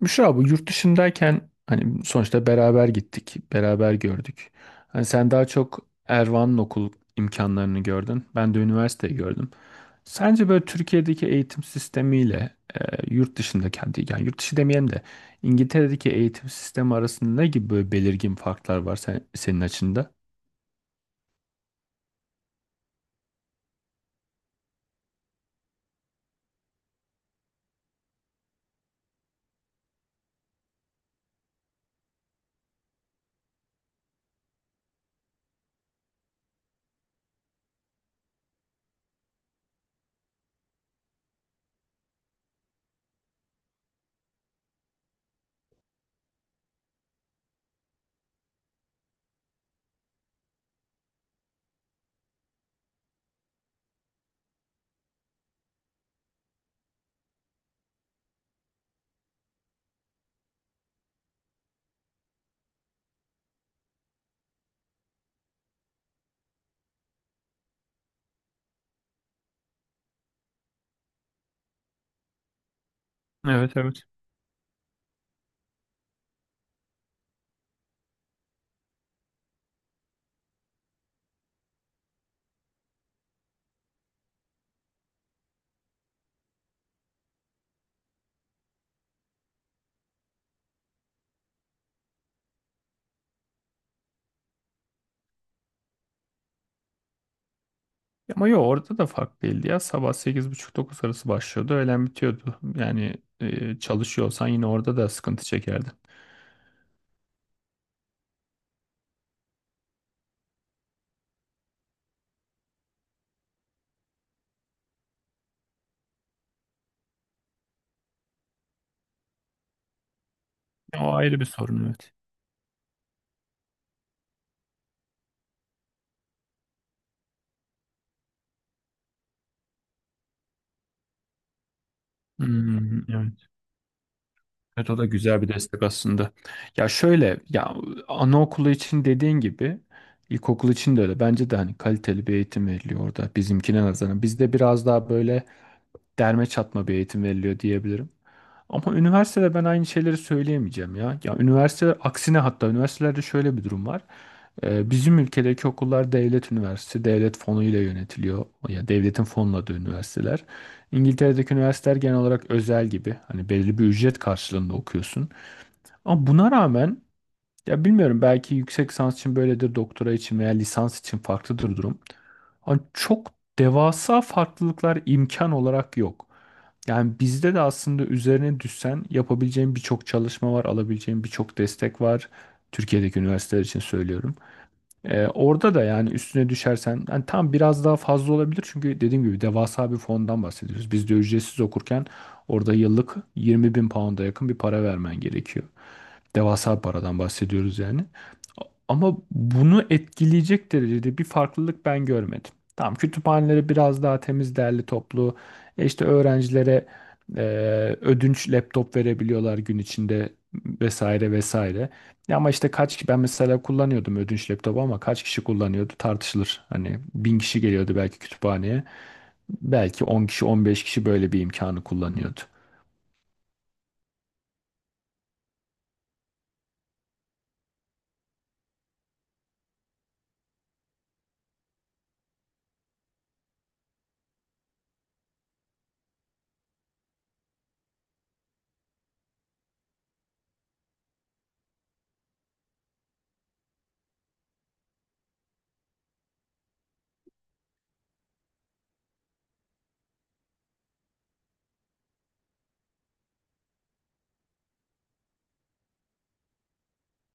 Müşra bu yurt dışındayken hani sonuçta beraber gittik, beraber gördük. Hani sen daha çok Ervan'ın okul imkanlarını gördün. Ben de üniversiteyi gördüm. Sence böyle Türkiye'deki eğitim sistemiyle yurt dışındaki, hadi yani yurt dışı demeyelim de İngiltere'deki eğitim sistemi arasında ne gibi böyle belirgin farklar var senin açında? Evet, evet. Ama yok, orada da fark değildi ya. Sabah sekiz buçuk dokuz arası başlıyordu. Öğlen bitiyordu. Yani çalışıyorsan yine orada da sıkıntı çekerdin. O ayrı bir sorun, evet. Hmm, evet. Evet, o da güzel bir destek aslında. Ya şöyle, ya anaokulu için dediğin gibi ilkokul için de öyle. Bence de hani kaliteli bir eğitim veriliyor orada bizimkine nazaran. Bizde biraz daha böyle derme çatma bir eğitim veriliyor diyebilirim. Ama üniversitede ben aynı şeyleri söyleyemeyeceğim ya. Ya üniversite aksine, hatta üniversitelerde şöyle bir durum var. Bizim ülkedeki okullar devlet üniversitesi, devlet fonuyla yönetiliyor. Ya devletin fonladığı üniversiteler. İngiltere'deki üniversiteler genel olarak özel gibi. Hani belli bir ücret karşılığında okuyorsun. Ama buna rağmen ya, bilmiyorum, belki yüksek lisans için böyledir, doktora için veya lisans için farklıdır durum. Ama çok devasa farklılıklar imkan olarak yok. Yani bizde de aslında üzerine düşsen yapabileceğin birçok çalışma var, alabileceğin birçok destek var. Türkiye'deki üniversiteler için söylüyorum. Orada da yani üstüne düşersen yani tam, biraz daha fazla olabilir çünkü dediğim gibi devasa bir fondan bahsediyoruz. Biz de ücretsiz okurken orada yıllık 20 bin pound'a yakın bir para vermen gerekiyor. Devasa bir paradan bahsediyoruz yani. A- Ama bunu etkileyecek derecede bir farklılık ben görmedim. Tamam, kütüphaneleri biraz daha temiz, derli toplu. E işte öğrencilere e, ödünç laptop verebiliyorlar gün içinde, vesaire vesaire. Ya ama işte kaç kişi, ben mesela kullanıyordum ödünç laptopu ama kaç kişi kullanıyordu tartışılır. Hani 1000 kişi geliyordu belki kütüphaneye. Belki 10 kişi 15 kişi böyle bir imkanı kullanıyordu.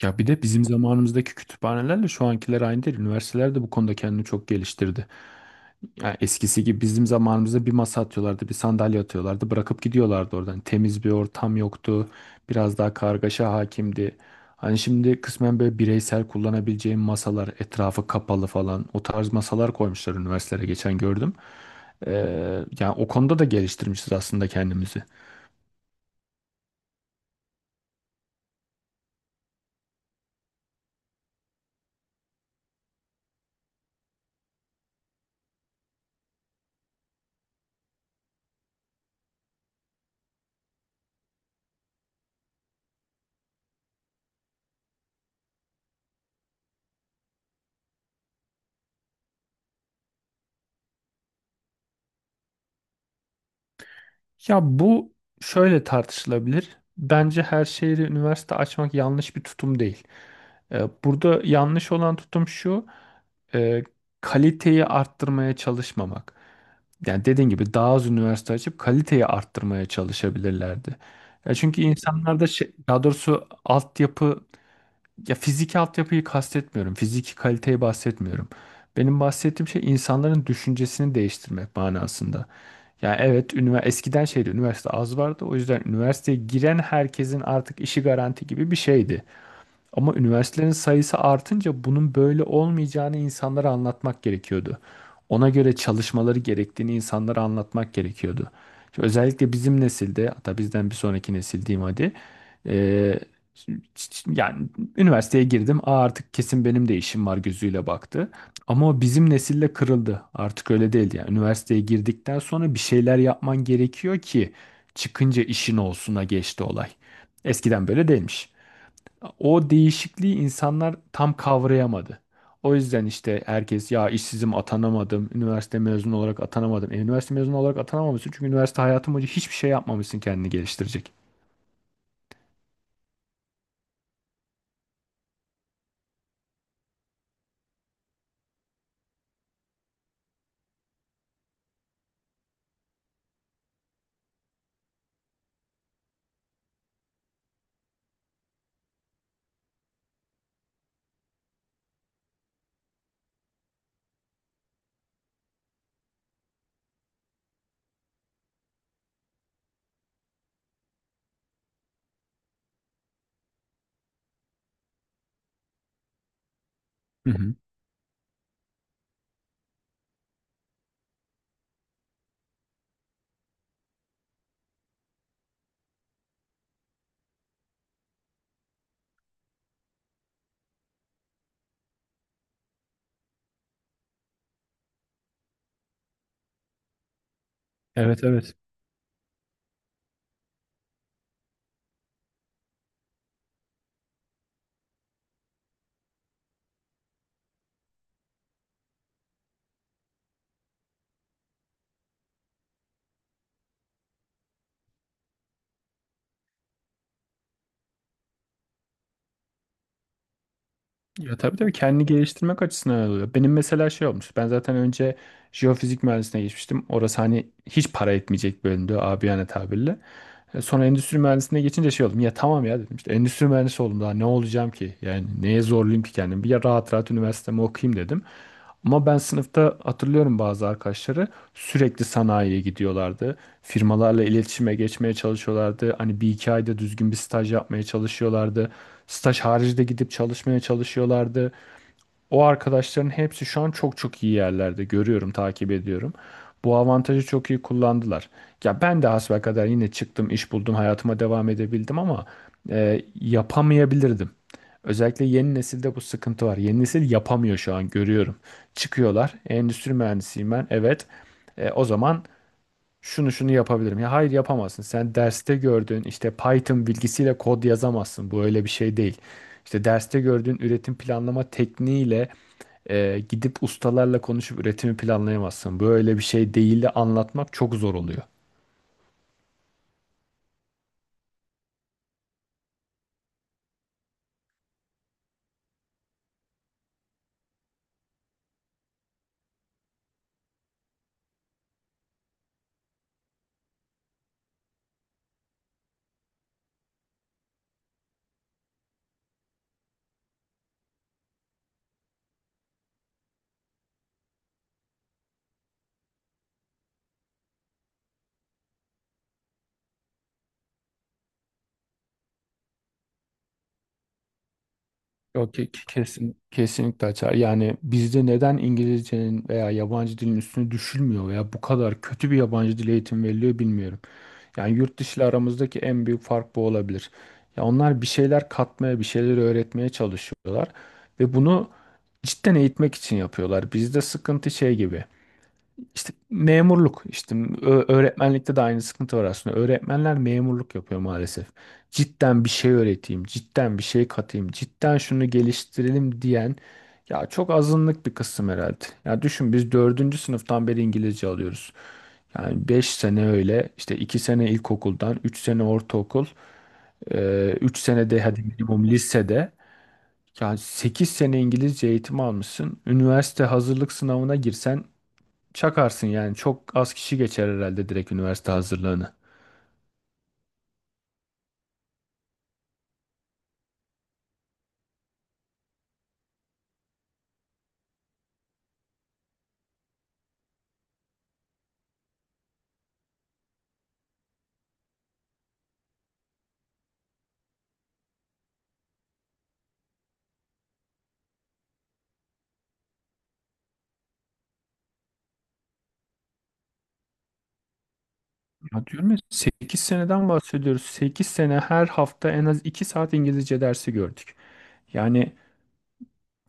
Ya bir de bizim zamanımızdaki kütüphanelerle şu ankiler aynı değil. Üniversiteler de bu konuda kendini çok geliştirdi. Ya eskisi gibi bizim zamanımızda bir masa atıyorlardı, bir sandalye atıyorlardı, bırakıp gidiyorlardı oradan. Temiz bir ortam yoktu, biraz daha kargaşa hakimdi. Hani şimdi kısmen böyle bireysel kullanabileceğim masalar, etrafı kapalı falan o tarz masalar koymuşlar üniversitelere, geçen gördüm. Ee, yani o konuda da geliştirmişiz aslında kendimizi. Ya bu şöyle tartışılabilir. Bence her şehri üniversite açmak yanlış bir tutum değil. Burada yanlış olan tutum şu, e, kaliteyi arttırmaya çalışmamak. Yani dediğin gibi daha az üniversite açıp kaliteyi arttırmaya çalışabilirlerdi. Ya çünkü insanlarda şey, daha doğrusu altyapı, ya fiziki altyapıyı kastetmiyorum. Fiziki kaliteyi bahsetmiyorum. Benim bahsettiğim şey insanların düşüncesini değiştirmek manasında. Yani evet, eskiden şeydi, üniversite az vardı. O yüzden üniversiteye giren herkesin artık işi garanti gibi bir şeydi. Ama üniversitelerin sayısı artınca bunun böyle olmayacağını insanlara anlatmak gerekiyordu. Ona göre çalışmaları gerektiğini insanlara anlatmak gerekiyordu. Şimdi özellikle bizim nesilde, hatta bizden bir sonraki nesil diyeyim hadi. eee, yani üniversiteye girdim. Aa, artık kesin benim de işim var gözüyle baktı. Ama o bizim nesille kırıldı. Artık öyle değil. Yani üniversiteye girdikten sonra bir şeyler yapman gerekiyor ki çıkınca işin olsuna geçti olay. Eskiden böyle değilmiş. O değişikliği insanlar tam kavrayamadı. O yüzden işte herkes, ya işsizim, atanamadım, üniversite mezunu olarak atanamadım. Üniversite mezunu olarak atanamamışsın çünkü üniversite hayatı boyunca hiçbir şey yapmamışsın kendini geliştirecek. Hı hı. Evet, evet. Ya tabii tabii, kendini geliştirmek açısından öyle oluyor. Benim mesela şey olmuş. Ben zaten önce jeofizik mühendisliğine geçmiştim. Orası hani hiç para etmeyecek bir bölümdü, abiyane tabirle. Sonra endüstri mühendisliğine geçince şey oldum. Ya tamam ya, dedim işte endüstri mühendisi oldum, daha ne olacağım ki? Yani neye zorlayayım ki kendimi? Bir, ya rahat rahat üniversitemi okuyayım dedim. Ama ben sınıfta hatırlıyorum, bazı arkadaşları sürekli sanayiye gidiyorlardı. Firmalarla iletişime geçmeye çalışıyorlardı. Hani bir iki ayda düzgün bir staj yapmaya çalışıyorlardı. Staj harici de gidip çalışmaya çalışıyorlardı. O arkadaşların hepsi şu an çok çok iyi yerlerde, görüyorum, takip ediyorum. Bu avantajı çok iyi kullandılar. Ya ben de hasbelkader yine çıktım, iş buldum, hayatıma devam edebildim ama yapamayabilirdim. Özellikle yeni nesilde bu sıkıntı var. Yeni nesil yapamıyor şu an, görüyorum. Çıkıyorlar. Endüstri mühendisiyim ben. Evet. O zaman şunu şunu yapabilirim. Ya hayır, yapamazsın. Sen derste gördüğün işte Python bilgisiyle kod yazamazsın. Bu öyle bir şey değil. İşte derste gördüğün üretim planlama tekniğiyle gidip ustalarla konuşup üretimi planlayamazsın. Böyle bir şey değil de anlatmak çok zor oluyor. Yok ki kesin. Kesinlikle açar. Yani bizde neden İngilizcenin veya yabancı dilin üstüne düşülmüyor veya bu kadar kötü bir yabancı dil eğitimi veriliyor, bilmiyorum. Yani yurt dışı ile aramızdaki en büyük fark bu olabilir. Ya onlar bir şeyler katmaya, bir şeyler öğretmeye çalışıyorlar ve bunu cidden eğitmek için yapıyorlar. Bizde sıkıntı şey gibi. İşte memurluk, işte öğretmenlikte de aynı sıkıntı var aslında. Öğretmenler memurluk yapıyor maalesef. Cidden bir şey öğreteyim, cidden bir şey katayım, cidden şunu geliştirelim diyen ya çok azınlık bir kısım herhalde. Ya düşün, biz dördüncü sınıftan beri İngilizce alıyoruz. Yani 5 sene öyle, işte 2 sene ilkokuldan, 3 sene ortaokul, 3 sene de hadi minimum lisede, yani 8 sene İngilizce eğitimi almışsın. Üniversite hazırlık sınavına girsen çakarsın yani. Çok az kişi geçer herhalde direkt üniversite hazırlığını. Ya diyorum ya, 8 seneden bahsediyoruz. 8 sene her hafta en az 2 saat İngilizce dersi gördük. Yani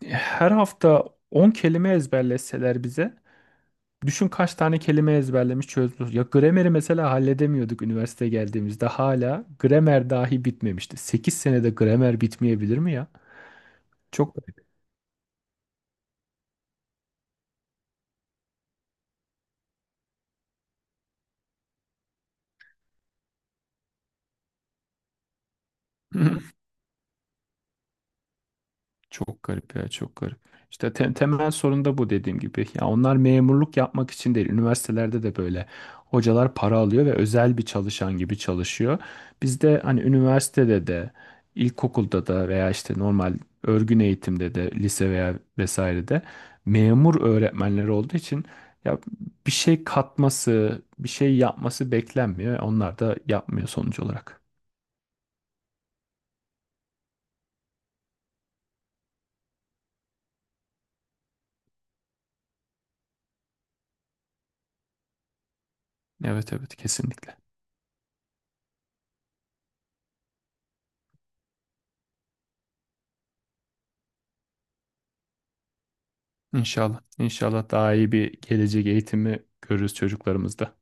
her hafta 10 kelime ezberleseler bize, düşün kaç tane kelime ezberlemiş çözdük. Ya grameri mesela halledemiyorduk, üniversite geldiğimizde hala gramer dahi bitmemişti. 8 senede gramer bitmeyebilir mi ya? Çok garip. Çok garip ya, çok garip. İşte temel sorun da bu dediğim gibi. Ya onlar memurluk yapmak için değil. Üniversitelerde de böyle hocalar para alıyor ve özel bir çalışan gibi çalışıyor. Bizde hani üniversitede de, ilkokulda da veya işte normal örgün eğitimde de, lise veya vesairede memur öğretmenleri olduğu için ya bir şey katması, bir şey yapması beklenmiyor. Onlar da yapmıyor sonuç olarak. Evet, evet, kesinlikle. İnşallah. İnşallah daha iyi bir gelecek eğitimi görürüz çocuklarımızda.